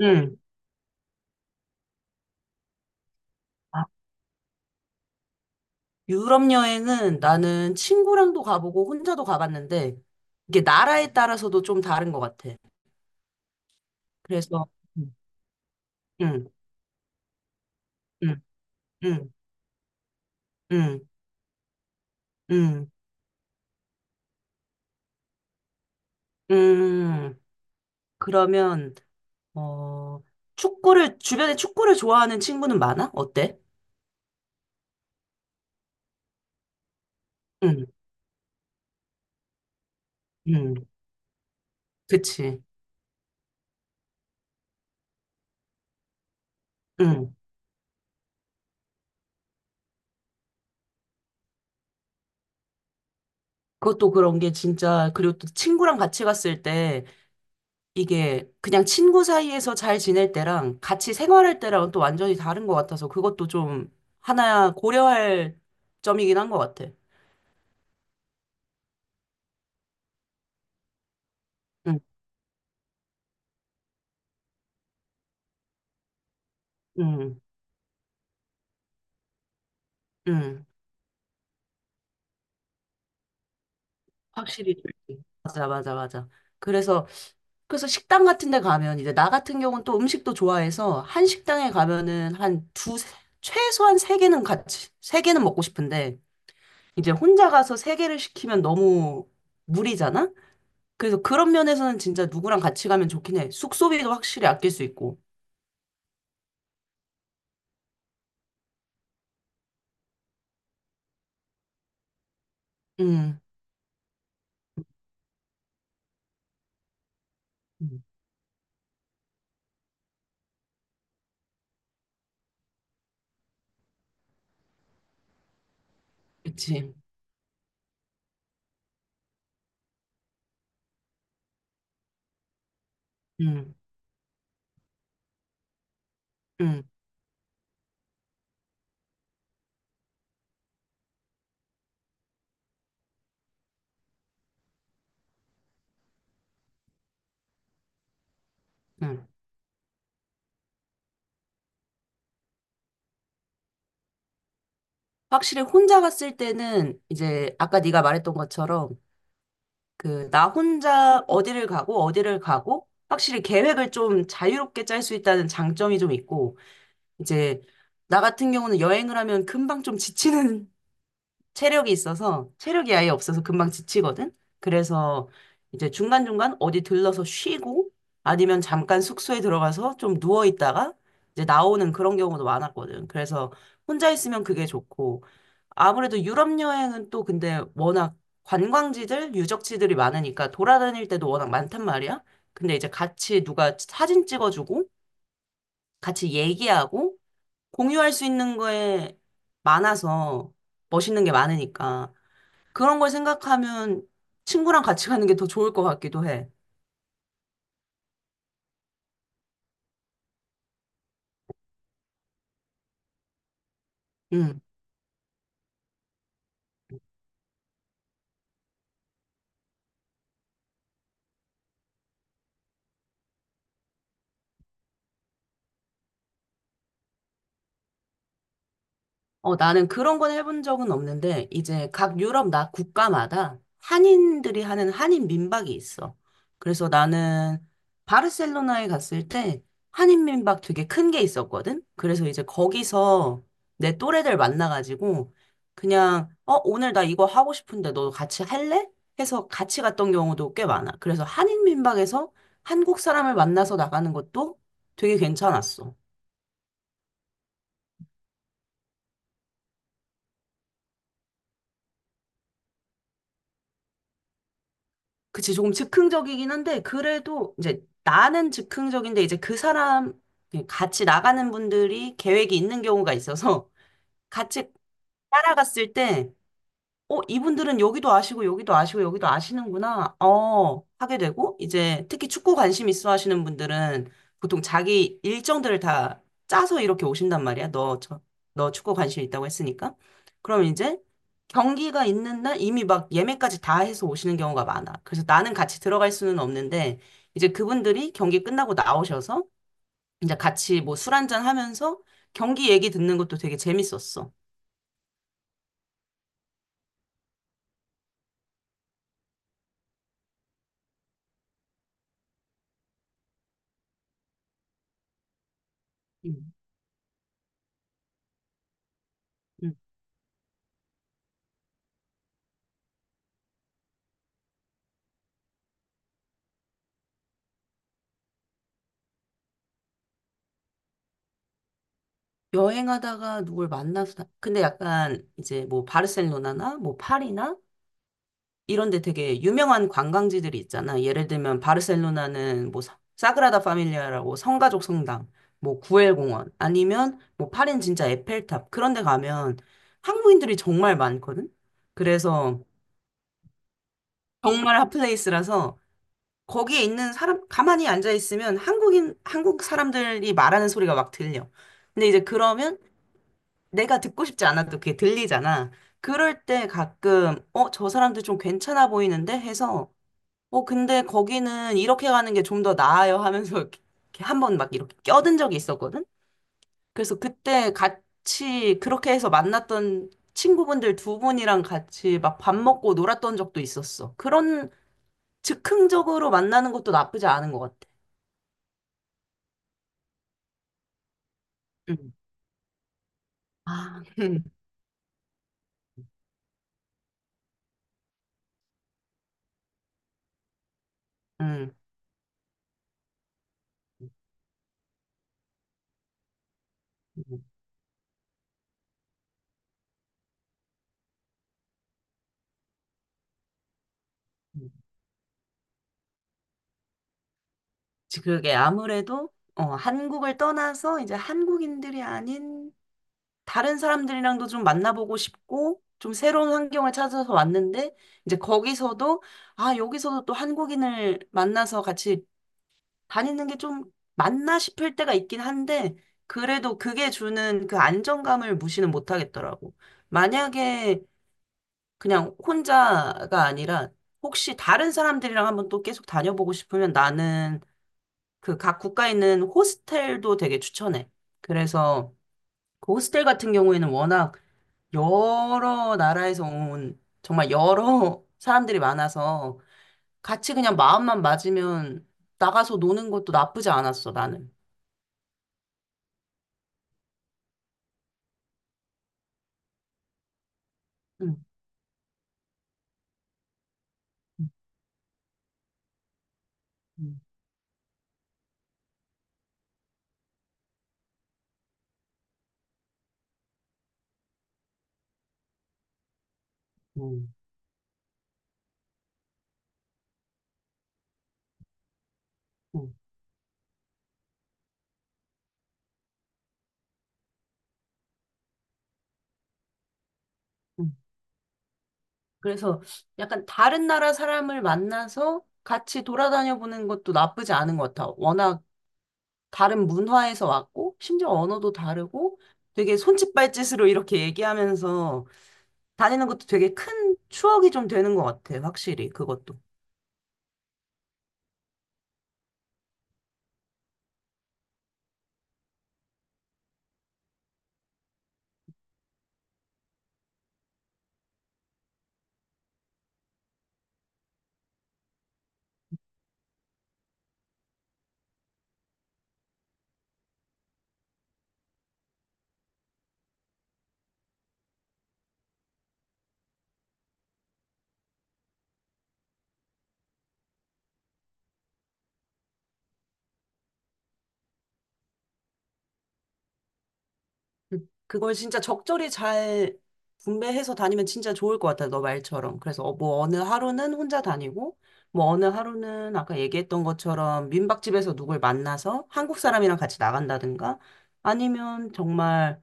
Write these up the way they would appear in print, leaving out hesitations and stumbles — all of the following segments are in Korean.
응. 아, 유럽 여행은 나는 친구랑도 가보고 혼자도 가봤는데 이게 나라에 따라서도 좀 다른 것 같아. 그래서 응, 응, 응, 응, 응, 응. 그러면 어 축구를 주변에 축구를 좋아하는 친구는 많아? 어때? 응, 응, 그치. 응. 그것도 그런 게 진짜 그리고 또 친구랑 같이 갔을 때 이게 그냥 친구 사이에서 잘 지낼 때랑 같이 생활할 때랑은 또 완전히 다른 것 같아서 그것도 좀 하나 고려할 점이긴 한 것 같아. 응, 응, 응. 확실히. 줄게. 맞아, 맞아, 맞아. 그래서, 그래서 식당 같은 데 가면 이제 나 같은 경우는 또 음식도 좋아해서 한 식당에 가면은 최소한 세 개는 먹고 싶은데 이제 혼자 가서 세 개를 시키면 너무 무리잖아? 그래서 그런 면에서는 진짜 누구랑 같이 가면 좋긴 해. 숙소비도 확실히 아낄 수 있고. 음, 음, 그치. 음, 음, 음. 확실히 혼자 갔을 때는 이제 아까 네가 말했던 것처럼 그 나 혼자 어디를 가고 어디를 가고 확실히 계획을 좀 자유롭게 짤 수 있다는 장점이 좀 있고 이제 나 같은 경우는 여행을 하면 금방 좀 지치는 체력이 아예 없어서 금방 지치거든. 그래서 이제 중간중간 어디 들러서 쉬고 아니면 잠깐 숙소에 들어가서 좀 누워 있다가 이제 나오는 그런 경우도 많았거든. 그래서 혼자 있으면 그게 좋고 아무래도 유럽 여행은 또 근데 워낙 관광지들, 유적지들이 많으니까 돌아다닐 때도 워낙 많단 말이야. 근데 이제 같이 누가 사진 찍어주고 같이 얘기하고 공유할 수 있는 거에 많아서 멋있는 게 많으니까. 그런 걸 생각하면 친구랑 같이 가는 게 더 좋을 것 같기도 해. 음. 어, 나는 그런 건 해본 적은 없는데, 이제 각 유럽 나 국가마다 한인들이 하는 한인 민박이 있어. 그래서 나는 바르셀로나에 갔을 때 한인 민박 되게 큰 게 있었거든? 그래서 이제 거기서 내 또래들 만나가지고 그냥, 어, 오늘 나 이거 하고 싶은데 너 같이 할래? 해서 같이 갔던 경우도 꽤 많아. 그래서 한인 민박에서 한국 사람을 만나서 나가는 것도 되게 괜찮았어. 그치, 조금 즉흥적이긴 한데, 그래도 이제 나는 즉흥적인데, 이제 그 사람, 예, 같이 나가는 분들이 계획이 있는 경우가 있어서 같이 따라갔을 때, 어, 이분들은 여기도 아시고, 여기도 아시고, 여기도 아시는구나. 어, 하게 되고, 이제 특히 축구 관심 있어 하시는 분들은 보통 자기 일정들을 다 짜서 이렇게 오신단 말이야. 너 축구 관심 있다고 했으니까. 그럼 이제 경기가 있는 날 이미 막 예매까지 다 해서 오시는 경우가 많아. 그래서 나는 같이 들어갈 수는 없는데, 이제 그분들이 경기 끝나고 나오셔서 이제 같이 뭐 술 한잔 하면서 경기 얘기 듣는 것도 되게 재밌었어. 음. 여행하다가 누굴 만나서, 근데 약간 이제 뭐 바르셀로나나 뭐 파리나 이런 데 되게 유명한 관광지들이 있잖아. 예를 들면 바르셀로나는 뭐 사그라다 파밀리아라고 성가족 성당, 뭐 구엘공원 아니면 뭐 파리는 진짜 에펠탑 그런 데 가면 한국인들이 정말 많거든. 그래서 정말 핫플레이스라서 거기에 있는 사람 가만히 앉아 있으면 한국인 한국 사람들이 말하는 소리가 막 들려. 근데 이제 그러면 내가 듣고 싶지 않아도 그게 들리잖아. 그럴 때 가끔, 어, 저 사람들 좀 괜찮아 보이는데? 해서, 어, 근데 거기는 이렇게 가는 게 좀 더 나아요 하면서 이렇게 한번 막 이렇게 껴든 적이 있었거든? 그래서 그때 같이 그렇게 해서 만났던 친구분들 두 분이랑 같이 막 밥 먹고 놀았던 적도 있었어. 그런 즉흥적으로 만나는 것도 나쁘지 않은 것 같아. 응. 아, 응, 응. 응. 그게 아무래도 어, 한국을 떠나서 이제 한국인들이 아닌 다른 사람들이랑도 좀 만나보고 싶고 좀 새로운 환경을 찾아서 왔는데 이제 거기서도 아, 여기서도 또 한국인을 만나서 같이 다니는 게 좀 맞나 싶을 때가 있긴 한데 그래도 그게 주는 그 안정감을 무시는 못 하겠더라고. 만약에 그냥 혼자가 아니라 혹시 다른 사람들이랑 한번 또 계속 다녀보고 싶으면 나는 그 각 국가에 있는 호스텔도 되게 추천해. 그래서 그 호스텔 같은 경우에는 워낙 여러 나라에서 온 정말 여러 사람들이 많아서 같이 그냥 마음만 맞으면 나가서 노는 것도 나쁘지 않았어, 나는. 응, 응, 응, 응, 응, 응. 그래서 약간 다른 나라 사람을 만나서 같이 돌아다녀 보는 것도 나쁘지 않은 것 같아. 워낙 다른 문화에서 왔고, 심지어 언어도 다르고, 되게 손짓발짓으로 이렇게 얘기하면서 다니는 것도 되게 큰 추억이 좀 되는 것 같아, 확실히, 그것도. 음. 그걸 진짜 적절히 잘 분배해서 다니면 진짜 좋을 것 같아, 너 말처럼. 그래서 어, 뭐 어느 하루는 혼자 다니고, 뭐 어느 하루는 아까 얘기했던 것처럼 민박집에서 누굴 만나서 한국 사람이랑 같이 나간다든가, 아니면 정말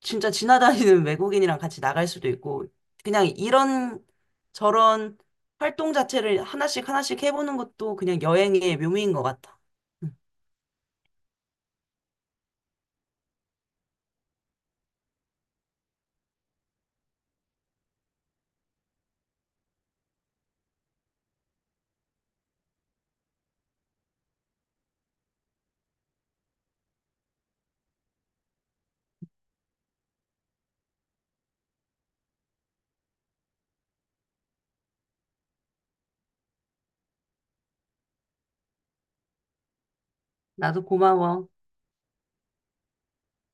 진짜 지나다니는 외국인이랑 같이 나갈 수도 있고, 그냥 이런 저런 활동 자체를 하나씩 하나씩 해보는 것도 그냥 여행의 묘미인 것 같아. 응. 나도 고마워.